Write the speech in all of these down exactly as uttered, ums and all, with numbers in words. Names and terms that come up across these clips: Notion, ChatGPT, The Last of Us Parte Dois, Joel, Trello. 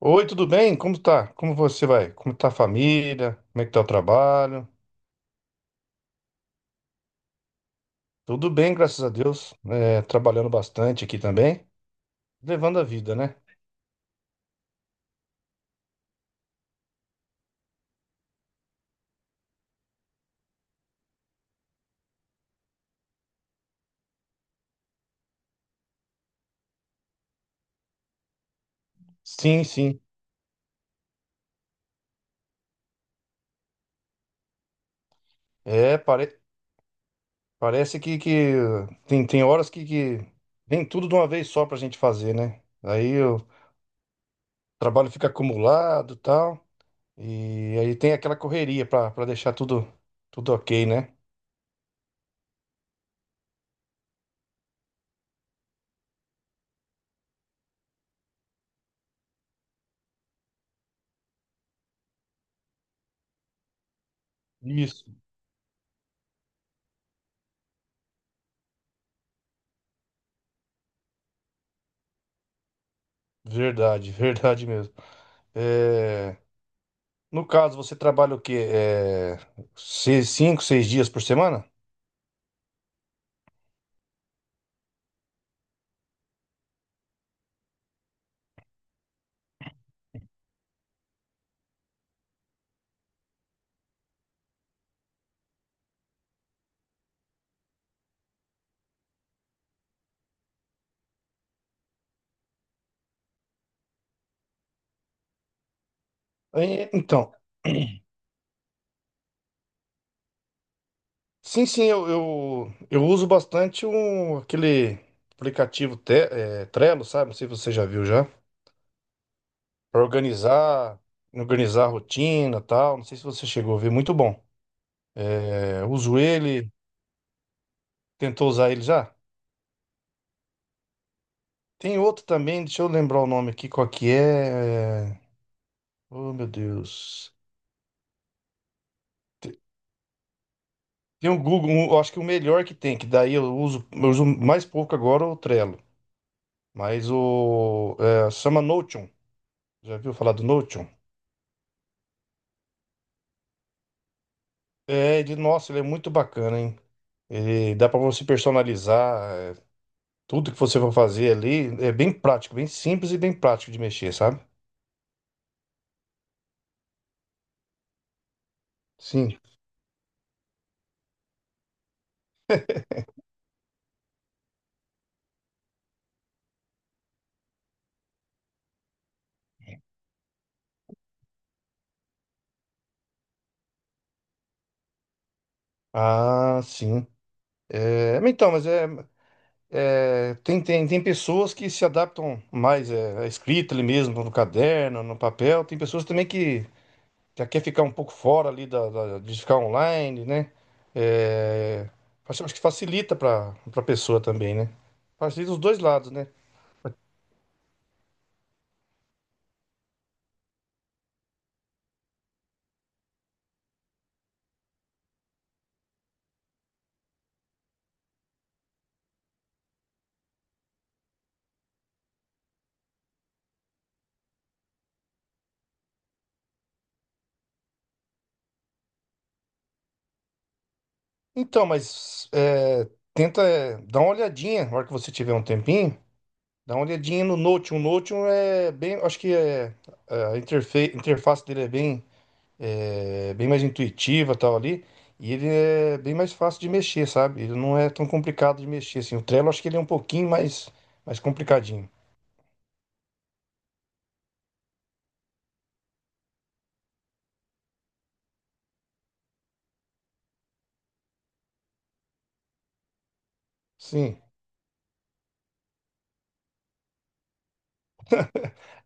Oi, tudo bem? Como tá? Como você vai? Como tá a família? Como é que tá o trabalho? Tudo bem, graças a Deus. É, trabalhando bastante aqui também. Levando a vida, né? Sim, sim. É, pare- Parece que, que tem, tem horas que, que vem tudo de uma vez só pra gente fazer, né? Aí o trabalho fica acumulado e tal. E aí tem aquela correria pra, pra deixar tudo, tudo ok, né? Isso. Verdade, verdade mesmo. É. No caso, você trabalha o quê? É, seis- cinco, seis dias por semana? Aí, Então, sim, sim, eu, eu, eu uso bastante um, aquele aplicativo Te- é, Trello, sabe? Não sei se você já viu já. Para organizar, organizar a rotina e tal. Não sei se você chegou a ver, muito bom. É, uso ele, tentou usar ele já? Tem outro também, deixa eu lembrar o nome aqui, qual que é. É, oh, meu Deus. Tem o Google, um- eu acho que o melhor que tem, que daí eu uso, eu uso mais pouco agora é o Trello. Mas o. É, chama Notion. Já viu falar do Notion? É, de, nossa, ele é muito bacana, hein? Ele dá para você personalizar é, tudo que você for fazer ali. É bem prático, bem simples e bem prático de mexer, sabe? Sim. Ah, sim. É, mas então, mas é, é, Tem, tem, tem pessoas que se adaptam mais é, à escrita ali mesmo, no caderno, no papel. Tem pessoas também que já quer ficar um pouco fora ali da, da- de ficar online, né? É, acho acho que facilita para a pessoa também, né? Facilita os dois lados, né? Então, mas é, tenta é, dar uma olhadinha na hora que você tiver um tempinho, dá uma olhadinha no Notion. O Notion é bem, acho que é, é, A interfe- interface dele é bem, é, bem mais intuitiva tal ali. E ele é bem mais fácil de mexer, sabe? Ele não é tão complicado de mexer, assim. O Trello, acho que ele é um pouquinho mais, mais complicadinho. Sim.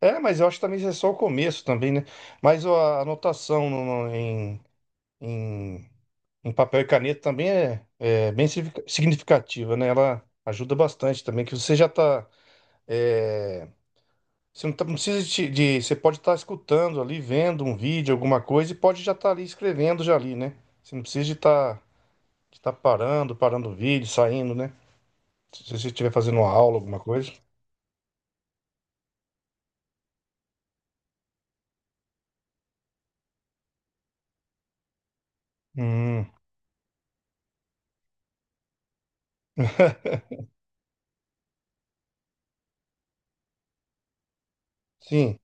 É, mas eu acho que também isso é só o começo também, né? Mas ó, a anotação no- no- em, em, em papel e caneta também é, é bem significa- significativa, né? Ela ajuda bastante também, que você já tá... é, você não, tá- não precisa de, de- Você pode estar escutando ali, vendo um vídeo, alguma coisa, e pode já estar ali escrevendo já ali, né? Você não precisa de estar de tá parando, parando o vídeo, saindo, né? Se se você estiver fazendo uma aula, alguma coisa. Hum, sim.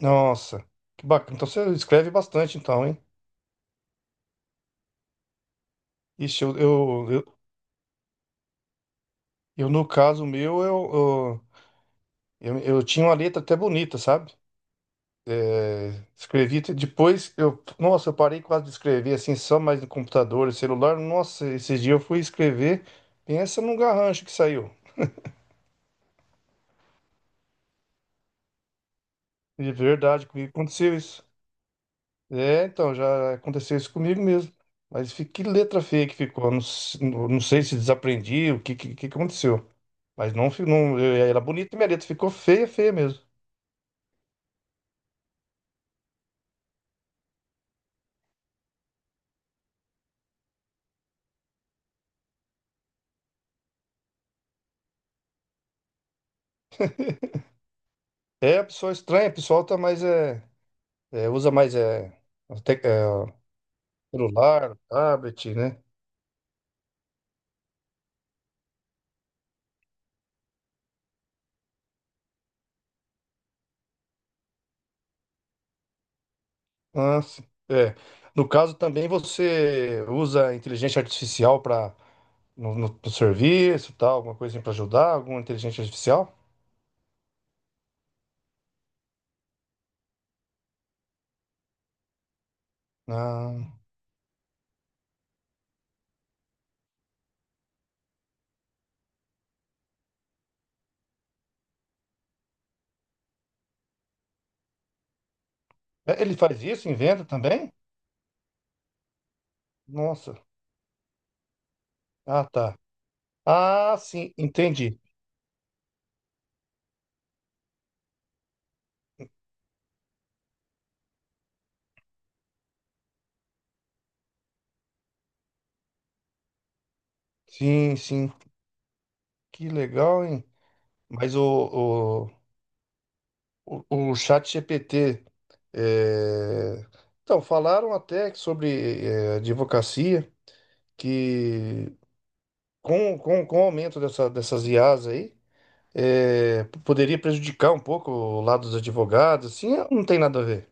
Nossa, que bacana. Então você escreve bastante, então, hein? Ixi, eu, eu, eu, eu, no caso meu, eu, eu, eu, eu tinha uma letra até bonita, sabe? É, escrevi, te- depois eu, nossa, eu parei quase de escrever assim, só mais no computador, celular. Nossa, esse dia eu fui escrever, pensa num garrancho que saiu. De verdade, comigo aconteceu isso. É, então, já aconteceu isso comigo mesmo. Mas fi- que letra feia que ficou. Eu Não, s- não não sei se desaprendi, o que, que, que aconteceu. Mas não, fi- não, eu- era bonita e minha letra, ficou feia, feia mesmo. É, a pessoa estranha, o pessoal tá mais, é, é, usa mais é, até, é, celular, tablet, né? Ah, sim. É. No caso também você usa a inteligência artificial para no, no- no serviço, tal, alguma coisa assim para ajudar, alguma inteligência artificial? Ah, é, ele faz isso, inventa também? Nossa. Ah, tá. Ah, sim, entendi. Sim, sim. Que legal, hein? Mas o, O, o ChatGPT. É... Então, falaram até que sobre é, advocacia, que com, com, com o aumento dessa, dessas I As aí, é, p- poderia prejudicar um pouco o lado dos advogados. Assim, não tem nada a ver.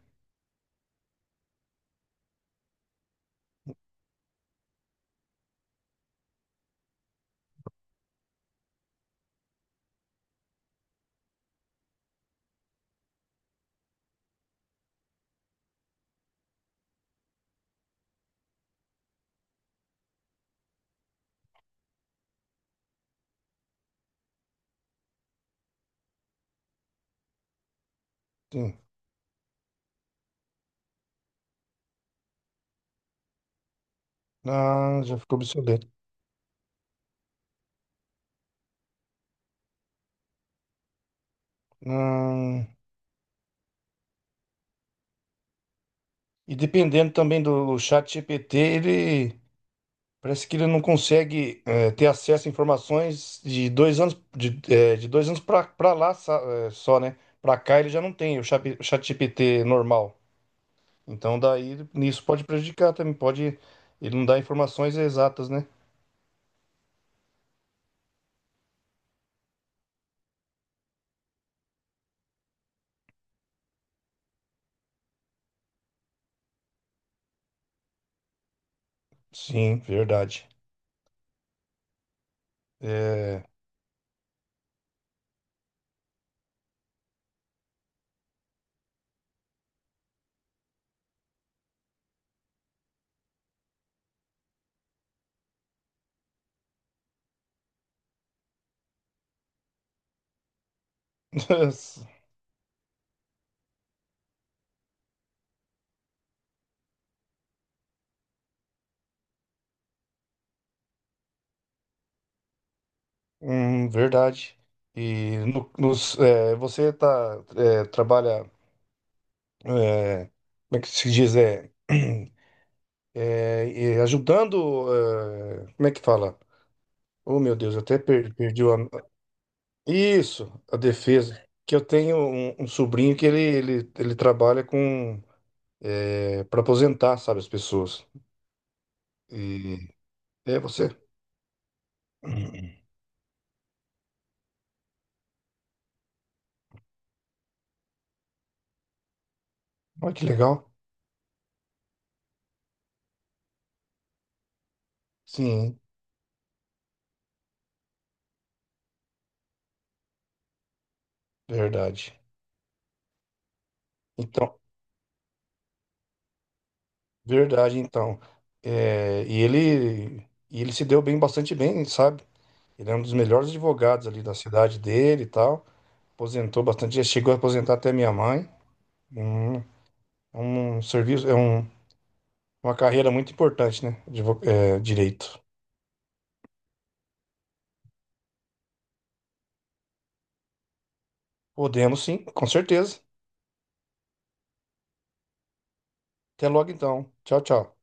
Sim. Não, já ficou obsoleto. Não. E dependendo também do ChatGPT, ele. Parece que ele não consegue eh, ter acesso a informações de dois anos de, eh, de dois anos pra pra lá sa- eh, só, né? Pra cá ele já não tem o chat ChatGPT normal. Então daí nisso pode prejudicar também, pode ele não dá informações exatas, né? Sim, verdade. É... hum, verdade. E no- nos, eh, você tá eh, trabalha eh, como é que se diz é, eh, e ajudando eh, como é que fala? Oh, meu Deus, eu até per- perdi o... am- Isso, a defesa. Que eu tenho um, um sobrinho que ele, ele, ele trabalha com... É, para aposentar, sabe, as pessoas. E... É você? Olha que legal. Sim, verdade. Então, verdade, então. É, e ele, e ele se deu bem, bastante bem, sabe? Ele é um dos melhores advogados ali da cidade dele e tal. Aposentou bastante, já chegou a aposentar até minha mãe. Hum, é um serviço, é um. Uma carreira muito importante, né? Advo- é, direito. Podemos sim, com certeza. Até logo então. Tchau, tchau.